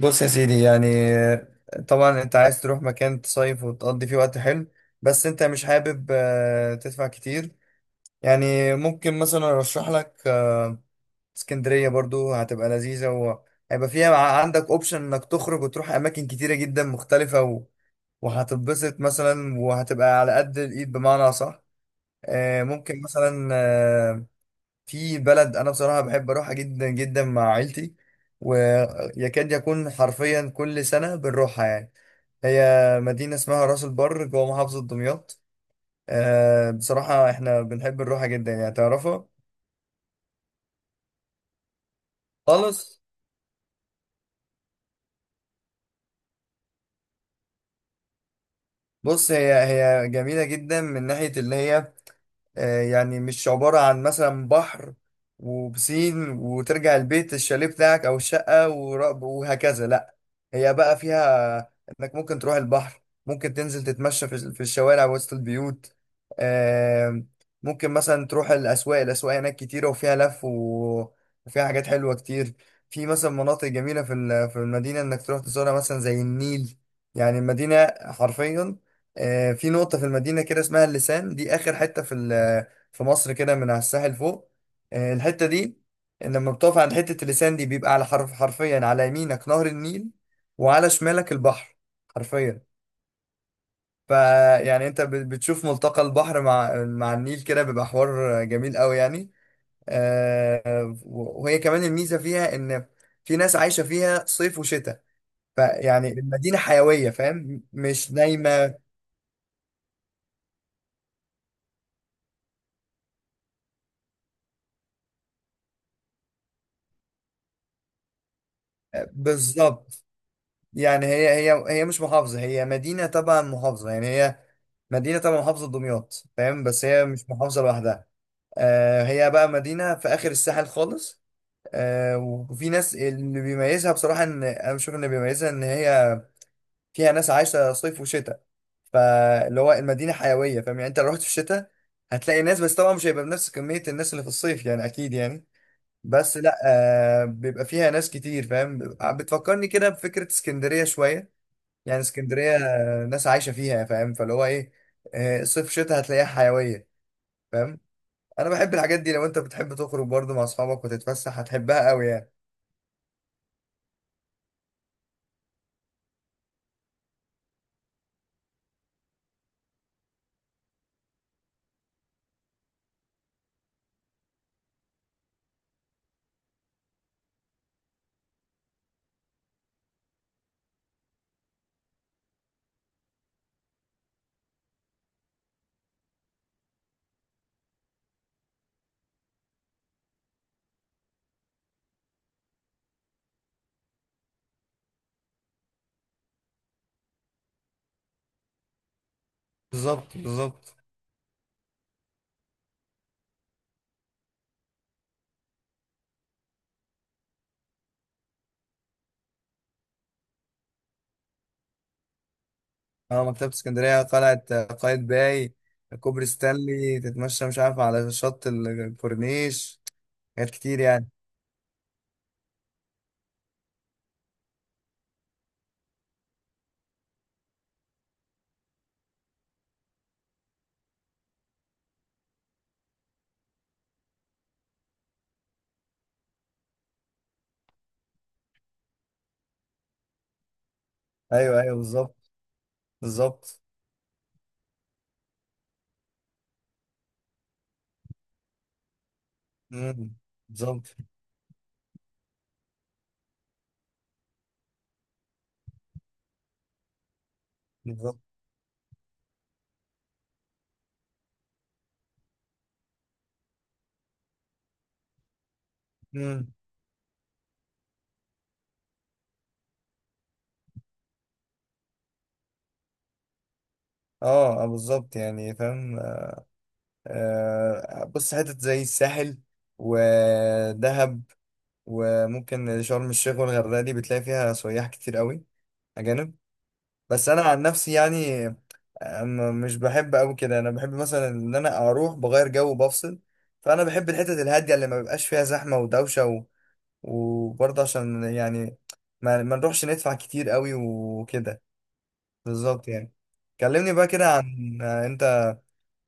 بص يا سيدي، يعني طبعا انت عايز تروح مكان تصيف وتقضي فيه وقت حلو. بس انت مش حابب تدفع كتير. يعني ممكن مثلا ارشح لك اسكندرية برضو هتبقى لذيذة، وهيبقى فيها عندك اوبشن انك تخرج وتروح اماكن كتيرة جدا مختلفة وهتتبسط مثلا، وهتبقى على قد الايد، بمعنى صح. ممكن مثلا في بلد انا بصراحه بحب اروحها جدا جدا مع عيلتي، ويكاد يكون حرفيا كل سنه بنروحها يعني. هي مدينه اسمها راس البر جوه محافظه دمياط. بصراحه احنا بنحب نروحها جدا، يعني تعرفها خالص. بص، هي جميله جدا من ناحيه اللي هي يعني مش عبارة عن مثلا بحر وبسين وترجع البيت الشاليه بتاعك أو الشقة وهكذا، لأ. هي بقى فيها إنك ممكن تروح البحر، ممكن تنزل تتمشى في الشوارع وسط البيوت. آم، ممكن مثلا تروح الأسواق، الأسواق هناك كتيرة وفيها وفيها حاجات حلوة كتير. في مثلا مناطق جميلة في المدينة إنك تروح تزورها، مثلا زي النيل. يعني المدينة حرفيا في نقطة في المدينة كده اسمها اللسان، دي آخر حتة في مصر كده من على الساحل فوق. الحتة دي لما بتقف عند حتة اللسان دي، بيبقى على حرف، حرفيا على يمينك نهر النيل وعلى شمالك البحر، حرفيا. فيعني انت بتشوف ملتقى البحر مع النيل كده، بيبقى حوار جميل قوي يعني. وهي كمان الميزة فيها ان في ناس عايشة فيها صيف وشتاء، فيعني المدينة حيوية، فاهم، مش نايمة. بالظبط. يعني هي مش محافظة، هي مدينة تبع محافظة، يعني هي مدينة تبع محافظة دمياط، فاهم، بس هي مش محافظة لوحدها. هي بقى مدينة في آخر الساحل خالص. وفي ناس اللي بيميزها، بصراحة إن أنا بشوف إن بيميزها إن هي فيها ناس عايشة صيف وشتاء. فاللي هو المدينة حيوية، فاهم، يعني أنت لو رحت في الشتاء هتلاقي ناس، بس طبعا مش هيبقى بنفس كمية الناس اللي في الصيف يعني، أكيد يعني. بس لا، بيبقى فيها ناس كتير، فاهم. بتفكرني كده بفكرة اسكندرية شوية، يعني اسكندريه ناس عايشه فيها، فاهم، فاللي هو ايه، صيف شتاء هتلاقيها حيويه، فاهم. انا بحب الحاجات دي، لو انت بتحب تخرج برضو مع اصحابك وتتفسح هتحبها قوي يعني. بالظبط، بالظبط. اه، مكتبة اسكندرية، قلعة قايتباي، كوبري ستانلي، تتمشى مش عارف على شط الكورنيش، حاجات كتير يعني. ايوه، ايوه، بالظبط، بالظبط. مم. بالظبط، بالظبط. مم. اه بالظبط يعني، فاهم. بص حتت زي الساحل ودهب، وممكن شرم الشيخ والغردقة، دي بتلاقي فيها سياح كتير قوي، أجانب. بس أنا عن نفسي يعني مش بحب أوي كده. أنا بحب مثلا إن أنا أروح بغير جو بفصل، فأنا بحب الحتت الهادية اللي ما بيبقاش فيها زحمة ودوشة وبرضه عشان يعني ما نروحش ندفع كتير قوي وكده. بالظبط يعني. كلمني بقى كده عن آه، أنت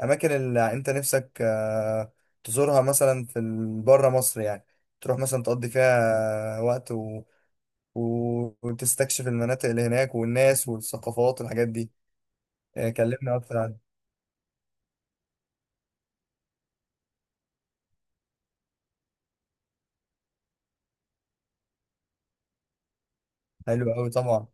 اماكن اللي انت نفسك تزورها مثلا في بره مصر يعني، تروح مثلا تقضي فيها وقت و... وتستكشف المناطق اللي هناك والناس والثقافات والحاجات دي. كلمنا اكتر عن. حلو قوي طبعا.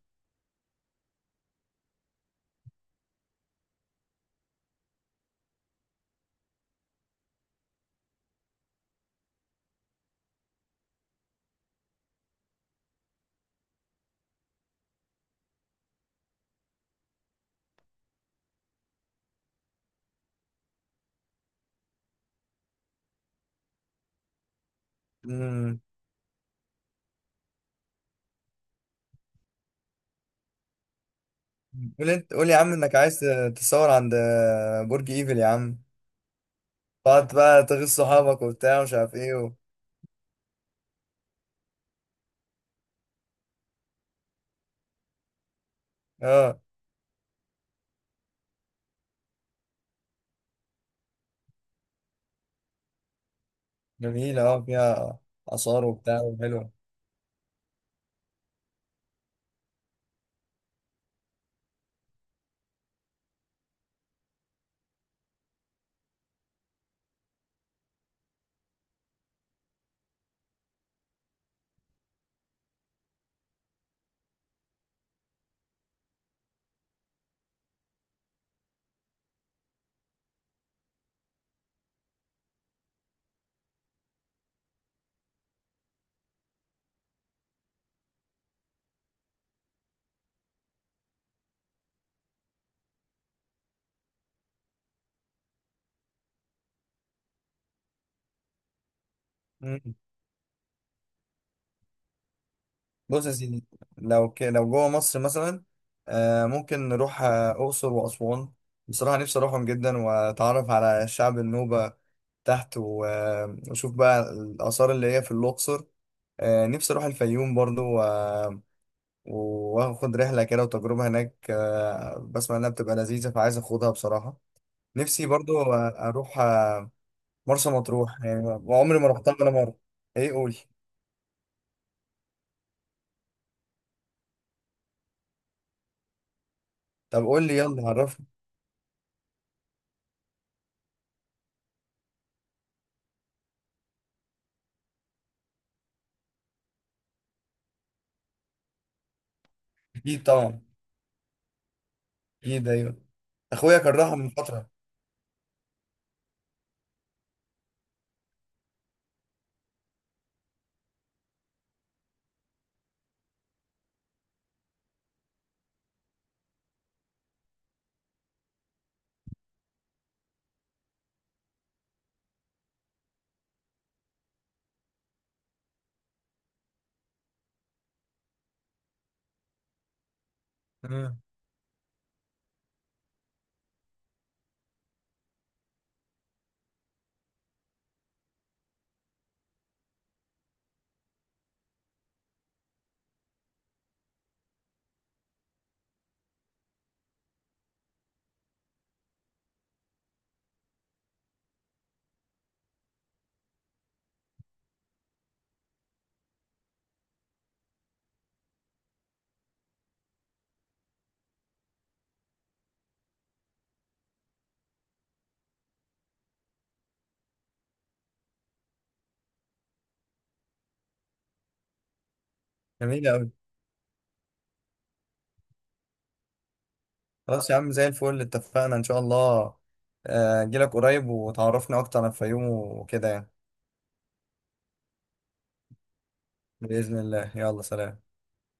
امم قول انت، قول يا عم انك عايز تصور عند برج ايفل يا عم، تقعد بقى تغيظ صحابك وبتاع ومش عارف ايه اه، جميلة، اه فيها آثار وبتاع وحلوة. بص يا سيدي، لو جوه مصر مثلا ممكن نروح أقصر وأسوان. بصراحة نفسي أروحهم جدا وأتعرف على الشعب النوبة تحت وأشوف بقى الآثار اللي هي في الأقصر. نفسي أروح الفيوم برضو وآخد رحلة كده وتجربة هناك، بسمع إنها بتبقى لذيذة، فعايز أخدها بصراحة. نفسي برضو أروح مرسى مطروح، يعني عمري ما رحتها ولا مرة. إيه، قولي. طب قولي يلا عرفني. أكيد طبعا، اكيد ايوه. اخويا كرهها من فتره. آه. جميله قوي. خلاص يا عم، زي الفل اتفقنا ان شاء الله. اجيلك قريب وتعرفنا اكتر عن الفيوم وكده يعني. باذن الله، يلا سلام.